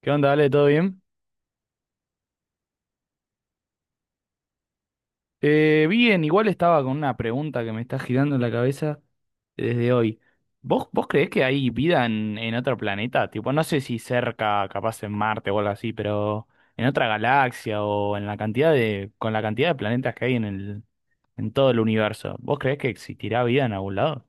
¿Qué onda, Ale? ¿Todo bien? Bien, igual estaba con una pregunta que me está girando en la cabeza desde hoy. ¿Vos creés que hay vida en otro planeta? Tipo, no sé si cerca, capaz en Marte o algo así, pero en otra galaxia o en la cantidad de, con la cantidad de planetas que hay en todo el universo. ¿Vos creés que existirá vida en algún lado?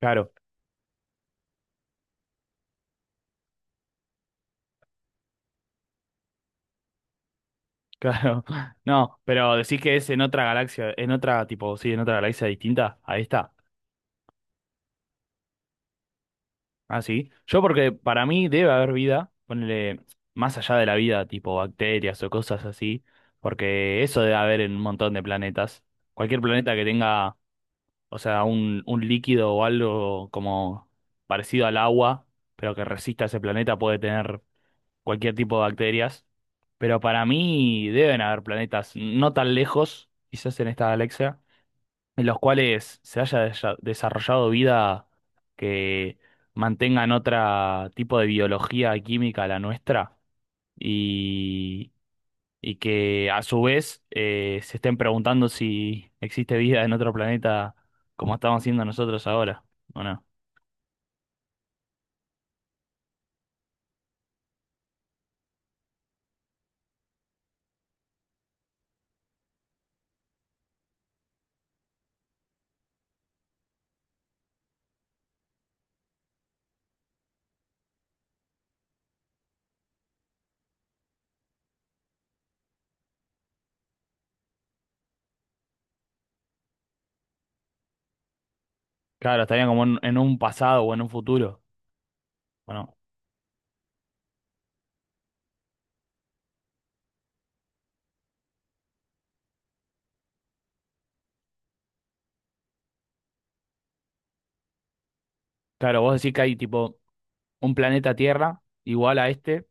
Claro, claro. No, pero decís que es en otra galaxia, tipo, sí, en otra galaxia distinta. Ahí está. Ah, sí. Yo porque para mí debe haber vida, ponele más allá de la vida, tipo bacterias o cosas así, porque eso debe haber en un montón de planetas. Cualquier planeta que tenga, o sea, un líquido o algo como parecido al agua, pero que resista a ese planeta, puede tener cualquier tipo de bacterias. Pero para mí deben haber planetas no tan lejos, quizás en esta galaxia en los cuales se haya desarrollado vida que mantengan otro tipo de biología y química a la nuestra y, y que a su vez se estén preguntando si existe vida en otro planeta como estamos haciendo nosotros ahora, ¿o no? Claro, estarían como en un pasado o en un futuro, ¿o no? Claro, vos decís que hay tipo un planeta Tierra igual a este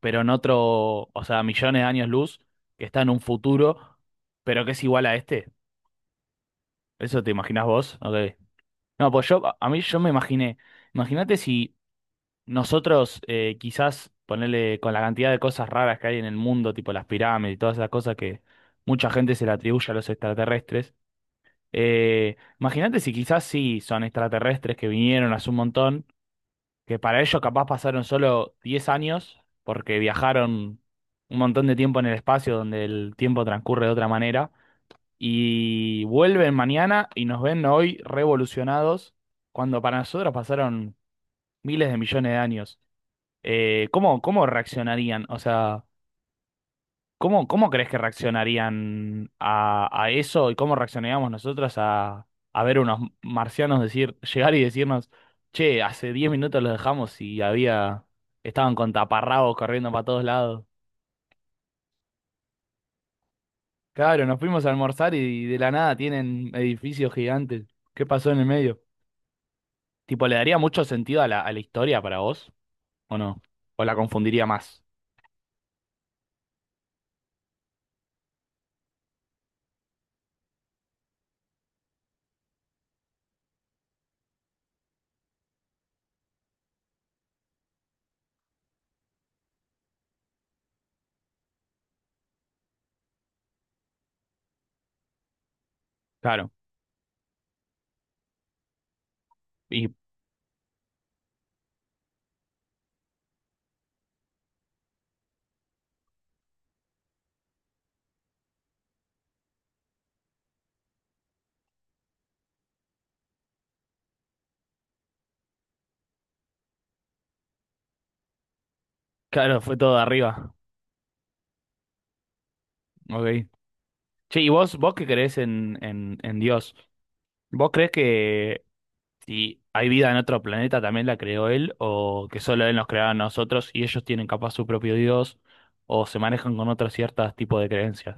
pero en otro, o sea, millones de años luz, que está en un futuro, pero que es igual a este. ¿Eso te imaginás vos? Ok. No, pues yo, a mí yo me imaginé, imagínate si nosotros quizás ponerle con la cantidad de cosas raras que hay en el mundo, tipo las pirámides y todas esas cosas que mucha gente se le atribuye a los extraterrestres, imagínate si quizás sí son extraterrestres que vinieron hace un montón, que para ellos capaz pasaron solo 10 años, porque viajaron un montón de tiempo en el espacio donde el tiempo transcurre de otra manera, y vuelven mañana y nos ven hoy revolucionados, cuando para nosotros pasaron miles de millones de años. ¿Cómo, cómo reaccionarían? O sea. ¿Cómo, cómo crees que reaccionarían a eso y cómo reaccionaríamos nosotros a ver unos marcianos llegar y decirnos, che, hace 10 minutos los dejamos y había, estaban con taparrabos corriendo para todos lados? Claro, nos fuimos a almorzar y de la nada tienen edificios gigantes. ¿Qué pasó en el medio? Tipo, ¿le daría mucho sentido a la historia para vos? ¿O no? ¿O la confundiría más? Claro. Y claro, fue todo de arriba. Ok. Che, ¿y vos, vos qué crees en Dios? ¿Vos crees que si hay vida en otro planeta también la creó él o que solo él nos creó a nosotros y ellos tienen capaz su propio Dios o se manejan con otros ciertos tipos de creencias?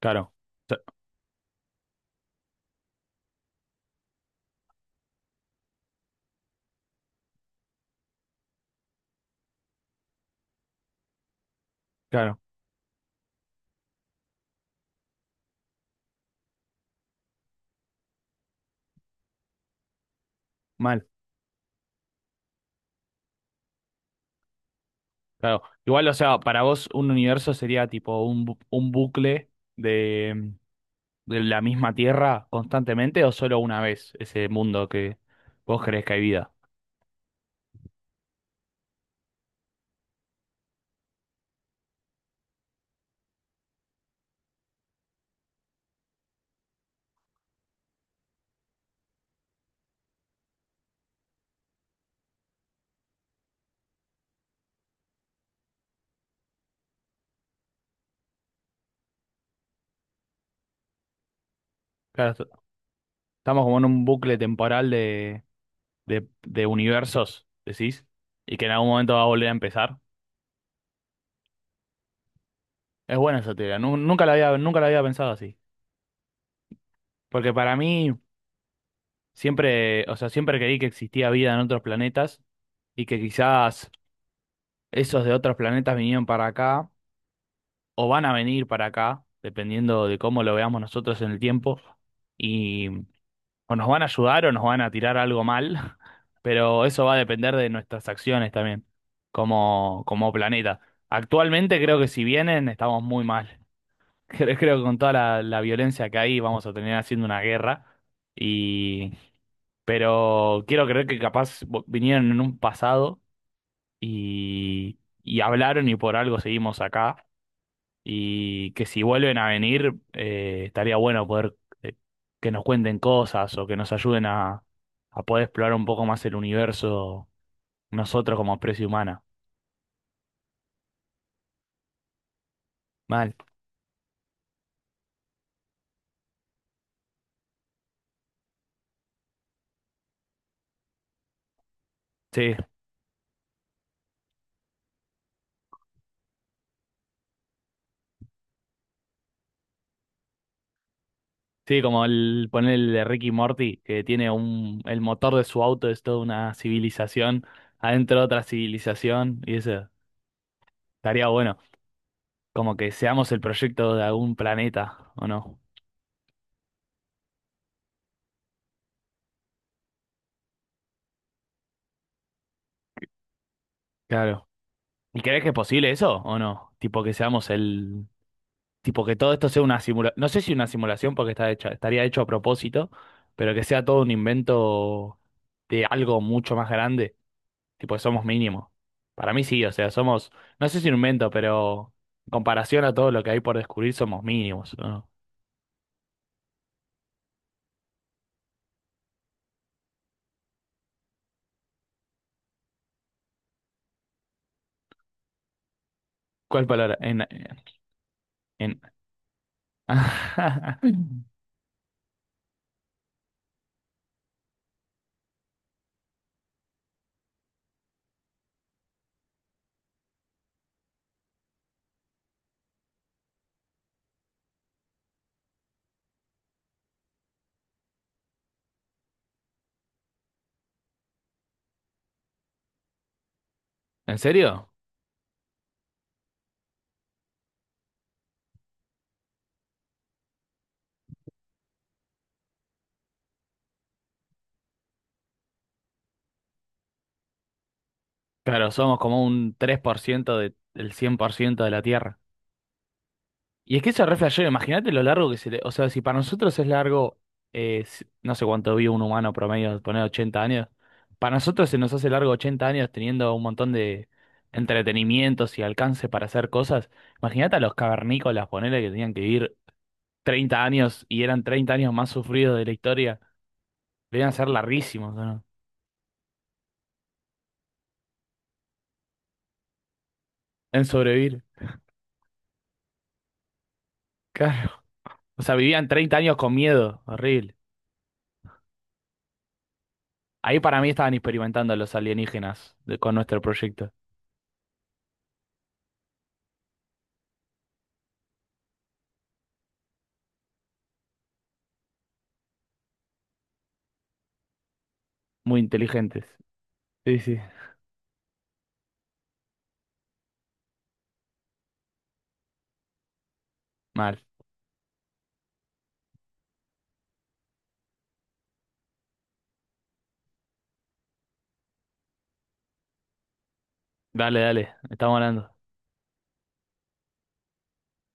Claro, o sea, claro, mal, claro. Igual, o sea, para vos un universo sería tipo un bucle de, de la misma Tierra constantemente o solo una vez ese mundo que vos crees que hay vida. Claro, estamos como en un bucle temporal de universos, decís, y que en algún momento va a volver a empezar. Es buena esa teoría, nunca la había pensado así. Porque para mí siempre, o sea, siempre creí que existía vida en otros planetas y que quizás esos de otros planetas vinieron para acá o van a venir para acá, dependiendo de cómo lo veamos nosotros en el tiempo, o nos van a ayudar o nos van a tirar algo mal, pero eso va a depender de nuestras acciones también, como, como planeta. Actualmente creo que si vienen estamos muy mal. Creo, creo que con toda la violencia que hay vamos a tener haciendo una guerra. Y pero quiero creer que capaz vinieron en un pasado y, y hablaron y por algo seguimos acá, y que si vuelven a venir, estaría bueno poder eh, que nos cuenten cosas o que nos ayuden a poder explorar un poco más el universo nosotros como especie humana. Mal. Sí, sí, como el poner el de Ricky Morty, que tiene un, el motor de su auto es toda una civilización, adentro otra civilización, y eso estaría bueno, como que seamos el proyecto de algún planeta, ¿o no? Claro. ¿Y crees que es posible eso o no? Tipo que seamos el, tipo que todo esto sea una simulación, no sé si una simulación porque está hecha, estaría hecho a propósito, pero que sea todo un invento de algo mucho más grande, tipo que somos mínimos. Para mí sí, o sea, somos, no sé si un invento, pero en comparación a todo lo que hay por descubrir somos mínimos, ¿no? ¿Cuál palabra? En, en. ¿En serio? Claro, somos como un 3% de, del 100% de la Tierra. Y es que eso es re flashero, imagínate lo largo que se le. O sea, si para nosotros es largo, no sé cuánto vive un humano promedio, poner 80 años. Para nosotros se nos hace largo 80 años teniendo un montón de entretenimientos y alcance para hacer cosas. Imagínate a los cavernícolas, ponele que tenían que vivir 30 años y eran 30 años más sufridos de la historia. Debían ser larguísimos, ¿o no? En sobrevivir. Claro. O sea, vivían 30 años con miedo, horrible. Ahí para mí estaban experimentando los alienígenas con nuestro proyecto. Muy inteligentes. Sí, sí, mal. Dale, dale, estamos hablando.